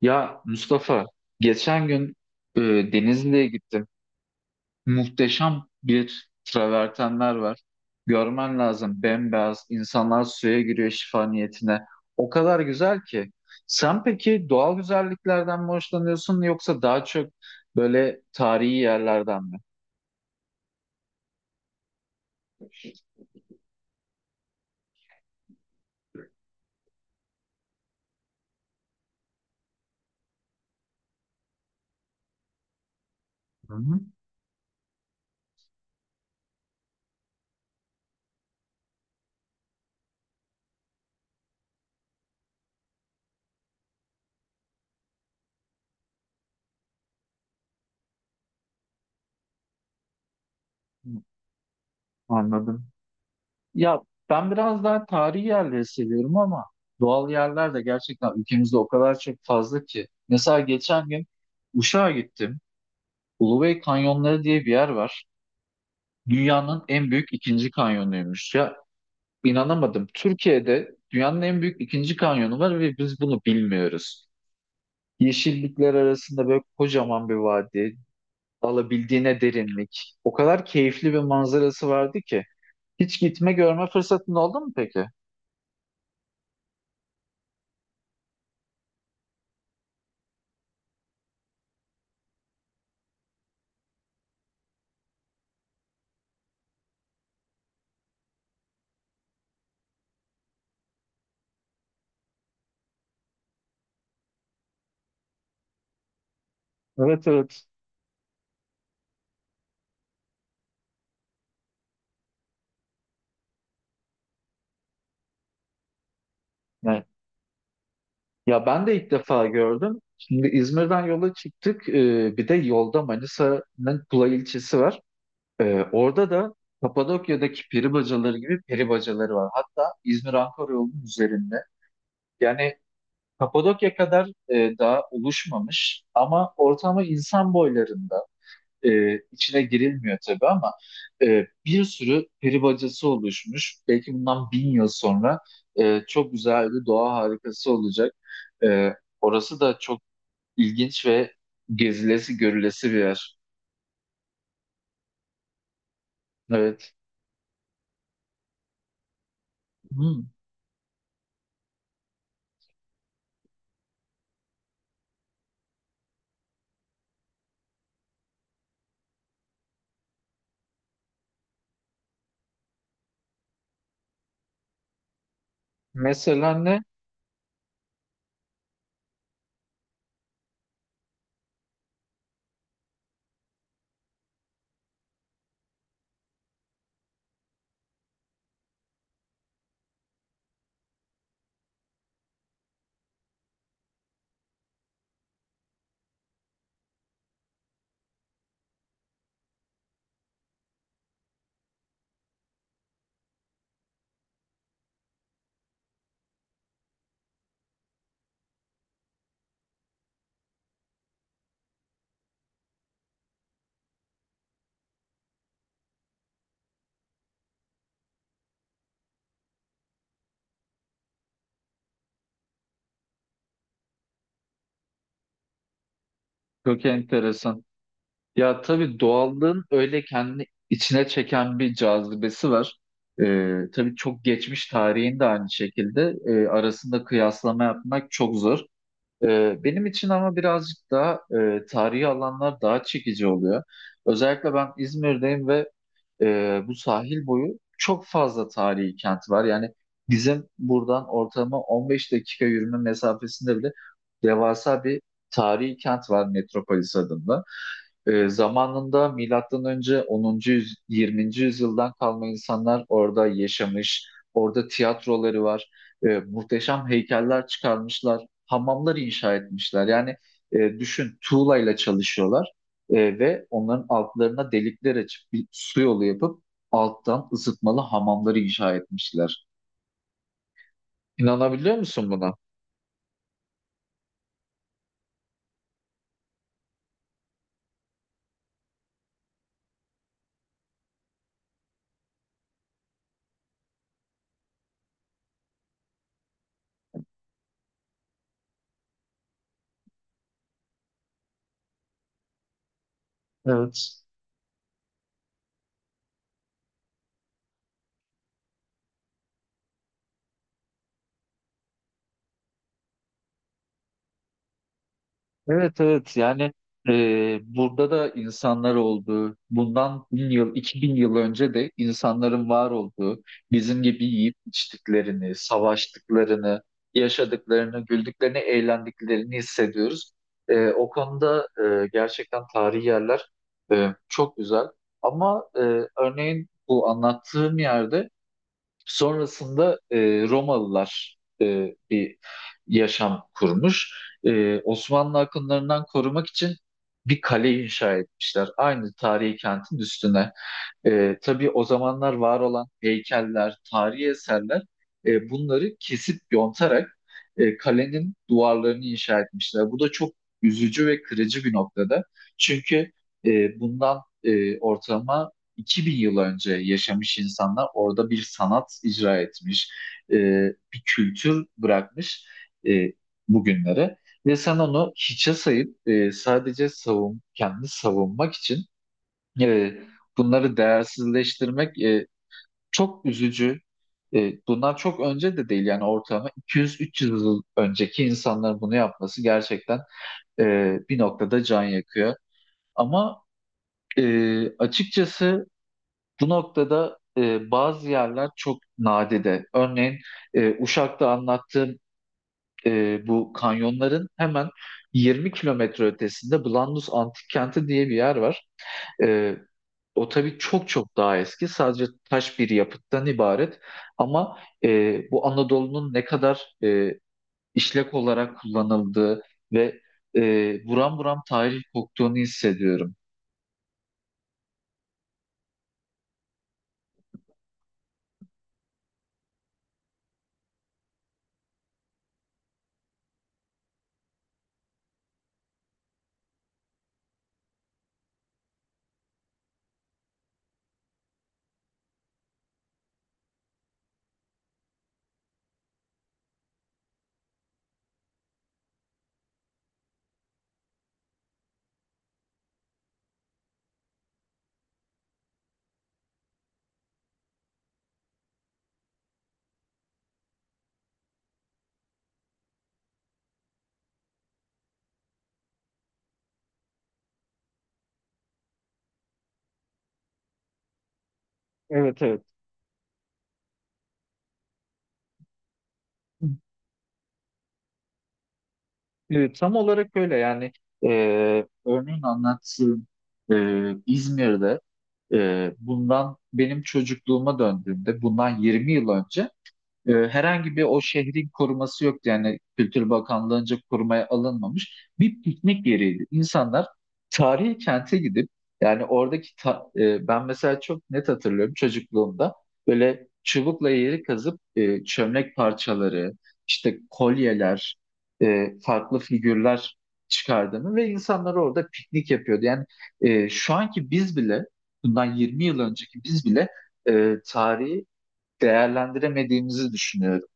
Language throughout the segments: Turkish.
Ya Mustafa, geçen gün e, Denizli'ye gittim. Muhteşem bir travertenler var. Görmen lazım. Bembeyaz. İnsanlar suya giriyor şifa niyetine. O kadar güzel ki. Sen peki doğal güzelliklerden mi hoşlanıyorsun, yoksa daha çok böyle tarihi yerlerden mi? Hı hı. Anladım. Ya, ben biraz daha tarihi yerleri seviyorum, ama doğal yerler de gerçekten ülkemizde o kadar çok fazla ki. Mesela geçen gün Uşak'a gittim. Ulubey Kanyonları diye bir yer var. Dünyanın en büyük ikinci kanyonuymuş. Ya, inanamadım. Türkiye'de dünyanın en büyük ikinci kanyonu var ve biz bunu bilmiyoruz. Yeşillikler arasında böyle kocaman bir vadi, alabildiğine derinlik. O kadar keyifli bir manzarası vardı ki. Hiç gitme görme fırsatın oldu mu peki? Evet, evet. Yani, ya ben de ilk defa gördüm. Şimdi İzmir'den yola çıktık. Bir de yolda Manisa'nın Tula ilçesi var. Orada da Kapadokya'daki peri bacaları gibi peri bacaları var. Hatta İzmir-Ankara yolunun üzerinde. Yani, Kapadokya kadar daha oluşmamış ama ortamı insan boylarında. E, içine girilmiyor tabii, ama bir sürü peri bacası oluşmuş. Belki bundan 1000 yıl sonra çok güzel bir doğa harikası olacak. E, Orası da çok İlginç ve gezilesi görülesi bir yer. Evet. Hmm. Mesela ne? Çok enteresan. Ya, tabii doğallığın öyle kendini içine çeken bir cazibesi var. Tabii çok geçmiş tarihin de aynı şekilde, arasında kıyaslama yapmak çok zor. Benim için, ama birazcık daha tarihi alanlar daha çekici oluyor. Özellikle ben İzmir'deyim ve bu sahil boyu çok fazla tarihi kent var. Yani, bizim buradan ortalama 15 dakika yürüme mesafesinde bile devasa bir tarihi kent var, Metropolis adında. Zamanında milattan önce 20. yüzyıldan kalma insanlar orada yaşamış. Orada tiyatroları var. Muhteşem heykeller çıkarmışlar. Hamamlar inşa etmişler. Yani, düşün, tuğlayla çalışıyorlar. Ve onların altlarına delikler açıp bir su yolu yapıp alttan ısıtmalı hamamları inşa etmişler. İnanabiliyor musun buna? Evet. Evet, evet, yani burada da insanlar olduğu, bundan 1000 yıl, 2000 yıl önce de insanların var olduğu, bizim gibi yiyip içtiklerini, savaştıklarını, yaşadıklarını, güldüklerini, eğlendiklerini hissediyoruz. O konuda gerçekten tarihi yerler çok güzel. Ama örneğin, bu anlattığım yerde sonrasında Romalılar bir yaşam kurmuş. Osmanlı akınlarından korumak için bir kale inşa etmişler. Aynı tarihi kentin üstüne. Tabii o zamanlar var olan heykeller, tarihi eserler, bunları kesip yontarak kalenin duvarlarını inşa etmişler. Bu da çok üzücü ve kırıcı bir noktada. Çünkü bundan ortalama 2000 yıl önce yaşamış insanlar orada bir sanat icra etmiş, e, bir kültür bırakmış e, bugünlere. Ve sen onu hiçe sayıp sadece savun, kendini savunmak için e, bunları değersizleştirmek çok üzücü. Bunlar çok önce de değil, yani ortalama 200-300 yıl önceki insanların bunu yapması gerçekten e, bir noktada can yakıyor. Ama açıkçası bu noktada bazı yerler çok nadide. Örneğin Uşak'ta anlattığım bu kanyonların hemen 20 kilometre ötesinde Blandus Antik Kenti diye bir yer var. E, O tabii çok çok daha eski. Sadece taş bir yapıttan ibaret. Ama bu Anadolu'nun ne kadar işlek olarak kullanıldığı ve e, buram buram tarih koktuğunu hissediyorum. Evet, evet. Evet, tam olarak öyle, yani e, örneğin anlattığım e, İzmir'de, bundan benim çocukluğuma döndüğümde, bundan 20 yıl önce herhangi bir o şehrin koruması yoktu. Yani, Kültür Bakanlığı'nca korumaya alınmamış. Bir piknik yeriydi. İnsanlar tarihi kente gidip, yani oradaki ben mesela çok net hatırlıyorum, çocukluğumda böyle çubukla yeri kazıp çömlek parçaları, işte kolyeler, farklı figürler çıkardığını ve insanlar orada piknik yapıyordu. Yani şu anki biz bile, bundan 20 yıl önceki biz bile, tarihi değerlendiremediğimizi düşünüyorum.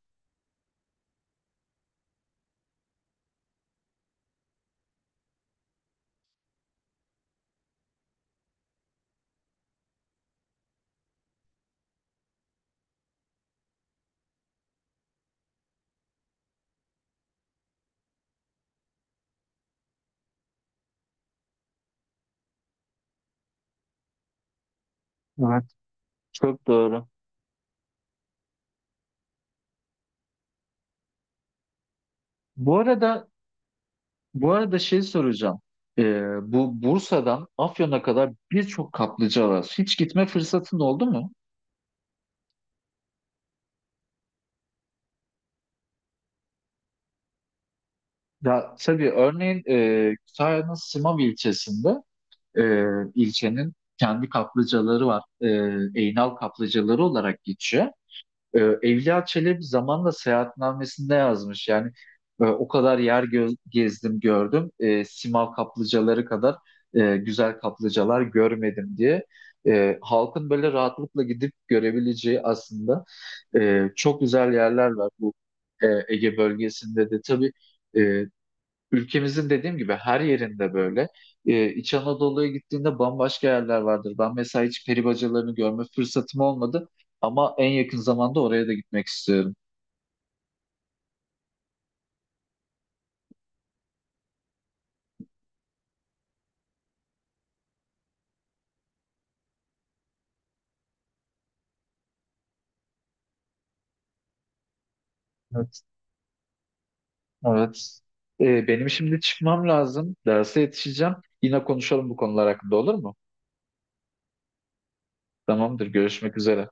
Evet, çok doğru. Bu arada bu arada, şey soracağım. Bu Bursa'dan Afyon'a kadar birçok kaplıca var. Hiç gitme fırsatın oldu mu? Ya, tabii. Örneğin Kütahya'nın Simav ilçesinde e, ilçenin kendi kaplıcaları var. Eynal kaplıcaları olarak geçiyor. Evliya Çelebi zamanla seyahatnamesinde yazmış. Yani o kadar yer gezdim gördüm. Simav kaplıcaları kadar güzel kaplıcalar görmedim diye. Halkın böyle rahatlıkla gidip görebileceği, aslında çok güzel yerler var bu Ege bölgesinde de. Tabii e, ülkemizin dediğim gibi her yerinde böyle. İç Anadolu'ya gittiğinde bambaşka yerler vardır. Ben mesela hiç peri bacalarını görme fırsatım olmadı, ama en yakın zamanda oraya da gitmek istiyorum. Evet. Evet. Benim şimdi çıkmam lazım. Derse yetişeceğim. Yine konuşalım bu konular hakkında, olur mu? Tamamdır. Görüşmek üzere.